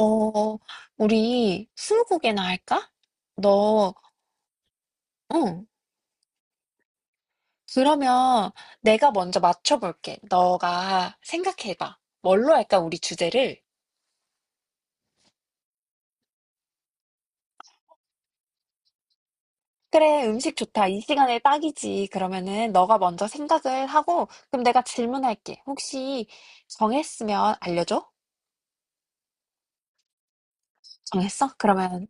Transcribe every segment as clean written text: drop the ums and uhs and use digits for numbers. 어, 우리 스무고개나 할까? 너, 응. 그러면 내가 먼저 맞춰볼게. 너가 생각해봐. 뭘로 할까, 우리 주제를? 그래, 음식 좋다. 이 시간에 딱이지. 그러면은 너가 먼저 생각을 하고, 그럼 내가 질문할게. 혹시 정했으면 알려줘? 정했어? 그러면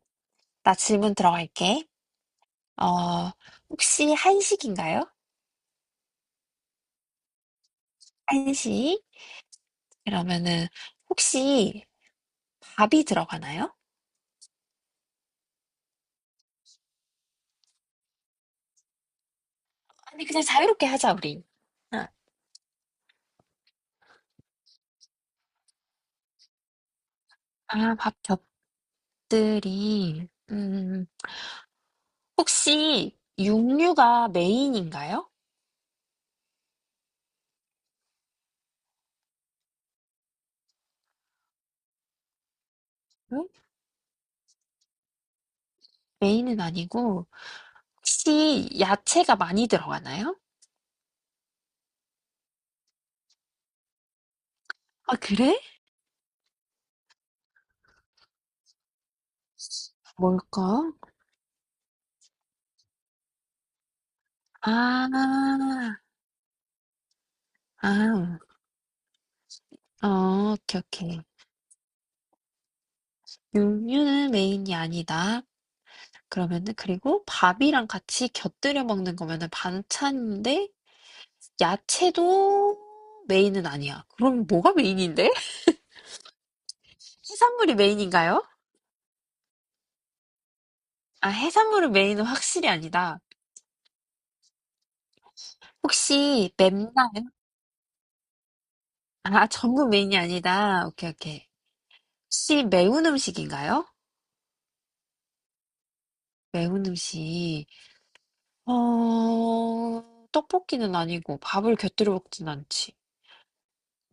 나 질문 들어갈게. 어, 혹시 한식인가요? 한식? 그러면은 혹시 밥이 들어가나요? 아니, 그냥 자유롭게 하자, 우리. 아, 밥 겹들이. 혹시 육류가 메인인가요? 응? 메인은 아니고, 혹시 야채가 많이 들어가나요? 아, 그래? 뭘까? 아, 아, 어, 오케이, 오케이. 육류는 메인이 아니다. 그러면은, 그리고 밥이랑 같이 곁들여 먹는 거면은 반찬인데, 야채도 메인은 아니야. 그럼 뭐가 메인인데? 해산물이 메인인가요? 아, 해산물은 메인은 확실히 아니다. 혹시 맵나요? 아, 전부 메인이 아니다. 오케이, 오케이. 혹시 매운 음식인가요? 매운 음식. 어, 떡볶이는 아니고 밥을 곁들여 먹진 않지.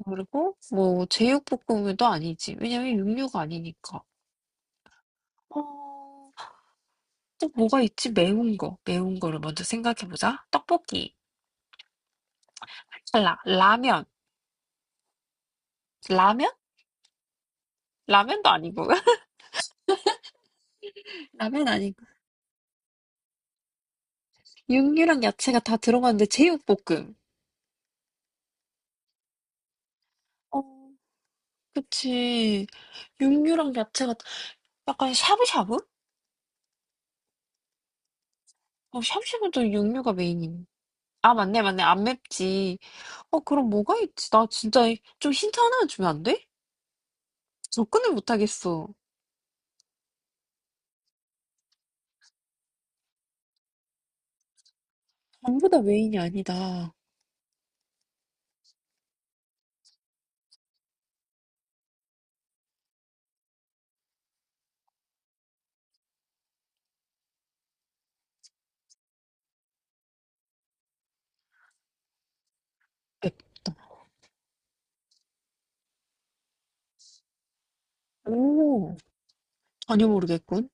그리고 뭐 제육볶음도 아니지. 왜냐면 육류가 아니니까. 어, 또 뭐가 있지? 매운 거. 매운 거를 먼저 생각해보자. 떡볶이. 라면. 라면? 라면도 아니고. 라면 아니고. 육류랑 야채가 다 들어가는데 제육볶음. 어, 그치. 육류랑 야채가 약간 샤브샤브? 어, 샤브샤브는 육류가 메인인. 아, 맞네, 맞네. 안 맵지. 어, 그럼 뭐가 있지? 나 진짜 좀 힌트 하나 주면 안 돼? 접근을 못 하겠어. 전부 다 메인이 아니다. 맵다. 오, 전혀 모르겠군.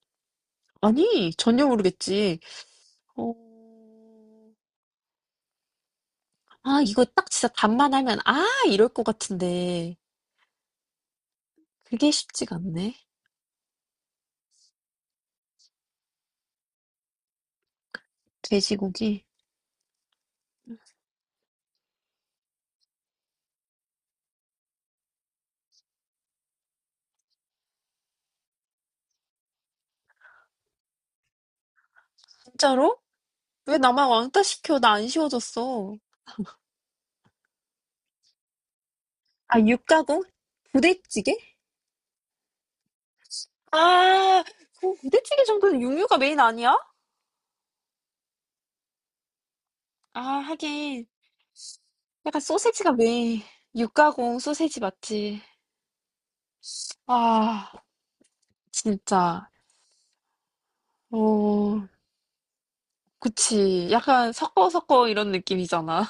아니, 전혀 모르겠지. 어, 아, 이거 딱 진짜 답만 하면, 아, 이럴 것 같은데. 그게 쉽지가 않네. 돼지고기. 진짜로? 왜 나만 왕따 시켜? 나 안 쉬워졌어. 아, 육가공? 부대찌개? 아, 그 부대찌개 정도는 육류가 메인 아니야? 아, 하긴. 약간 소세지가 메인. 육가공 소세지 맞지? 아, 진짜. 어, 그치. 약간 섞어 섞어 이런 느낌이잖아.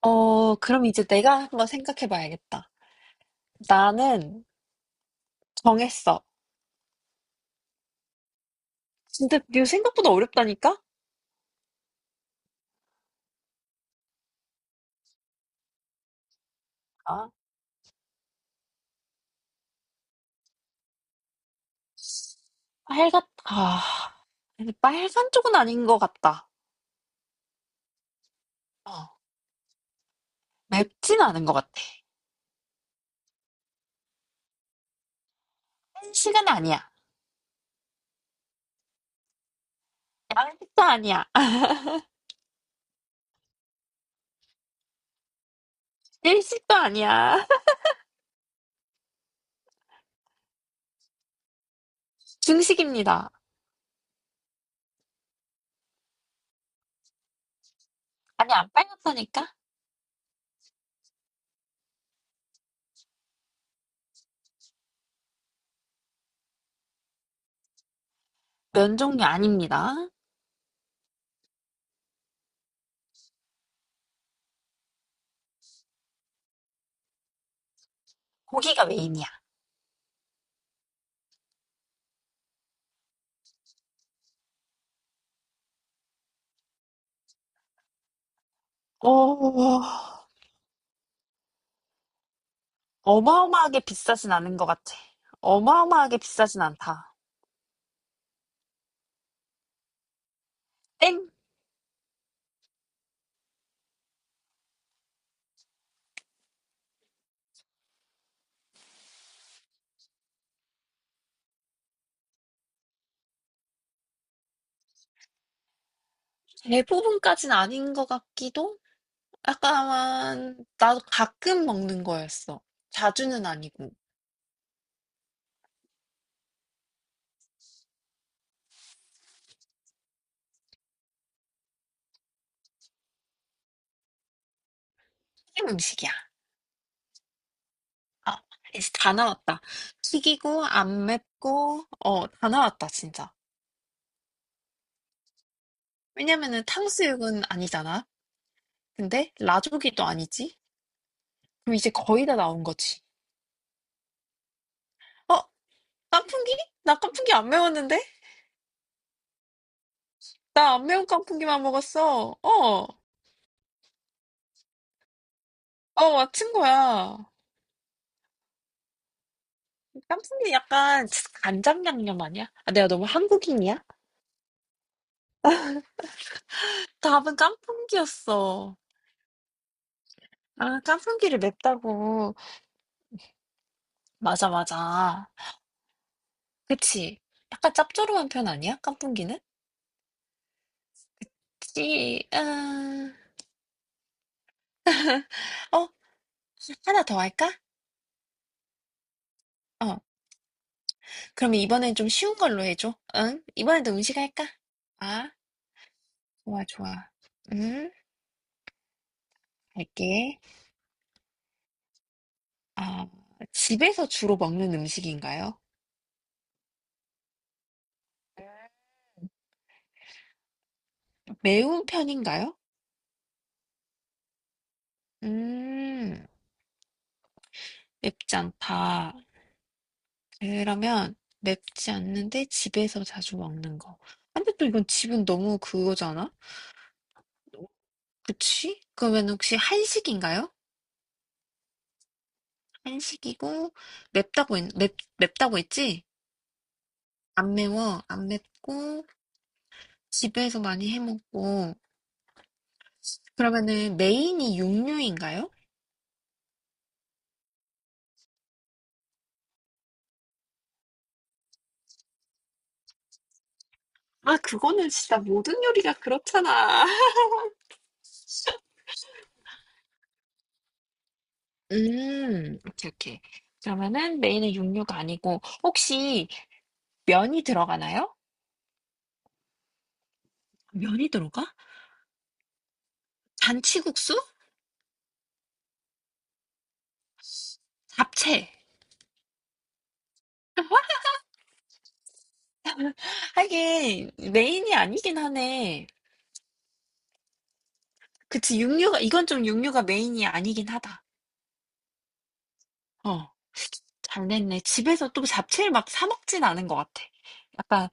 어, 그럼 이제 내가 한번 생각해 봐야겠다. 나는 정했어. 근데 이거 생각보다 어렵다니까? 아, 빨갛, 아, 근데 빨간 쪽은 아닌 것 같다. 어, 맵진 않은 것 같아. 한식은 아니야. 양식도 아니야. 일식도 아니야. 중식입니다. 아니, 안 빨갛다니까? 면 종류 아닙니다. 고기가 메인이야. 어, 어마어마하게 비싸진 않은 것 같아. 어마어마하게 비싸진 않다. 땡! 대부분까진 아닌 것 같기도? 약간, 나도 가끔 먹는 거였어. 자주는 아니고. 김 음식이야. 아, 이제 다 나왔다. 튀기고, 안 맵고, 어, 다 나왔다, 진짜. 왜냐면은 탕수육은 아니잖아. 근데 라조기도 아니지? 그럼 이제 거의 다 나온 거지. 어, 깐풍기? 나 깐풍기 안 매웠는데? 나 안 매운 깐풍기만 먹었어. 어, 어, 맞춘 거야. 깐풍기 약간 간장 양념 아니야? 아, 내가 너무 한국인이야? 답은 깐풍기였어. 아, 깐풍기를 맵다고. 맞아, 맞아. 그치? 약간 짭조름한 편 아니야? 깐풍기는? 찌, 아, 어? 하나 더 할까? 어, 그럼 이번엔 좀 쉬운 걸로 해줘. 응? 이번에도 음식 할까? 아, 좋아, 좋아. 음, 할게. 아, 집에서 주로 먹는 음식인가요? 매운 편인가요? 음, 맵지 않다. 그러면 맵지 않는데 집에서 자주 먹는 거. 근데 또 이건 집은 너무 그거잖아? 그치? 그러면 혹시 한식인가요? 한식이고 맵, 맵다고 했지? 안 매워, 안 맵고 집에서 많이 해 먹고 그러면은 메인이 육류인가요? 아, 그거는 진짜 모든 요리가 그렇잖아. 오케이, 오케이. 그러면은 메인은 육류가 아니고 혹시 면이 들어가나요? 면이 들어가? 잔치국수? 잡채. 하긴 메인이 아니긴 하네. 그치, 육류가 이건 좀 육류가 메인이 아니긴 하다. 어. 잘 됐네. 집에서 또 잡채를 막 사 먹진 않은 것 같아. 약간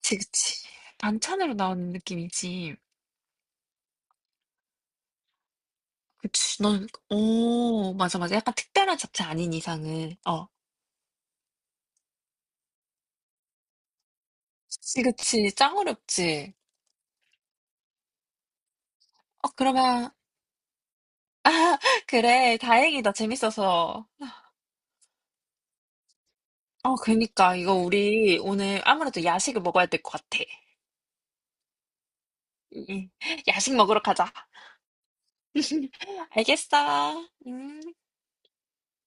그치 그치. 반찬으로 나오는 느낌이지. 그치. 넌 오, 맞아 맞아. 약간 특별한 잡채 아닌 이상은. 어. 그치 그치. 짱 어렵지. 어 그러면 그래. 다행이다. 재밌어서. 어 그니까 이거 우리 오늘 아무래도 야식을 먹어야 될 것 같아. 응, 응. 야식 먹으러 가자. 알겠어. 음.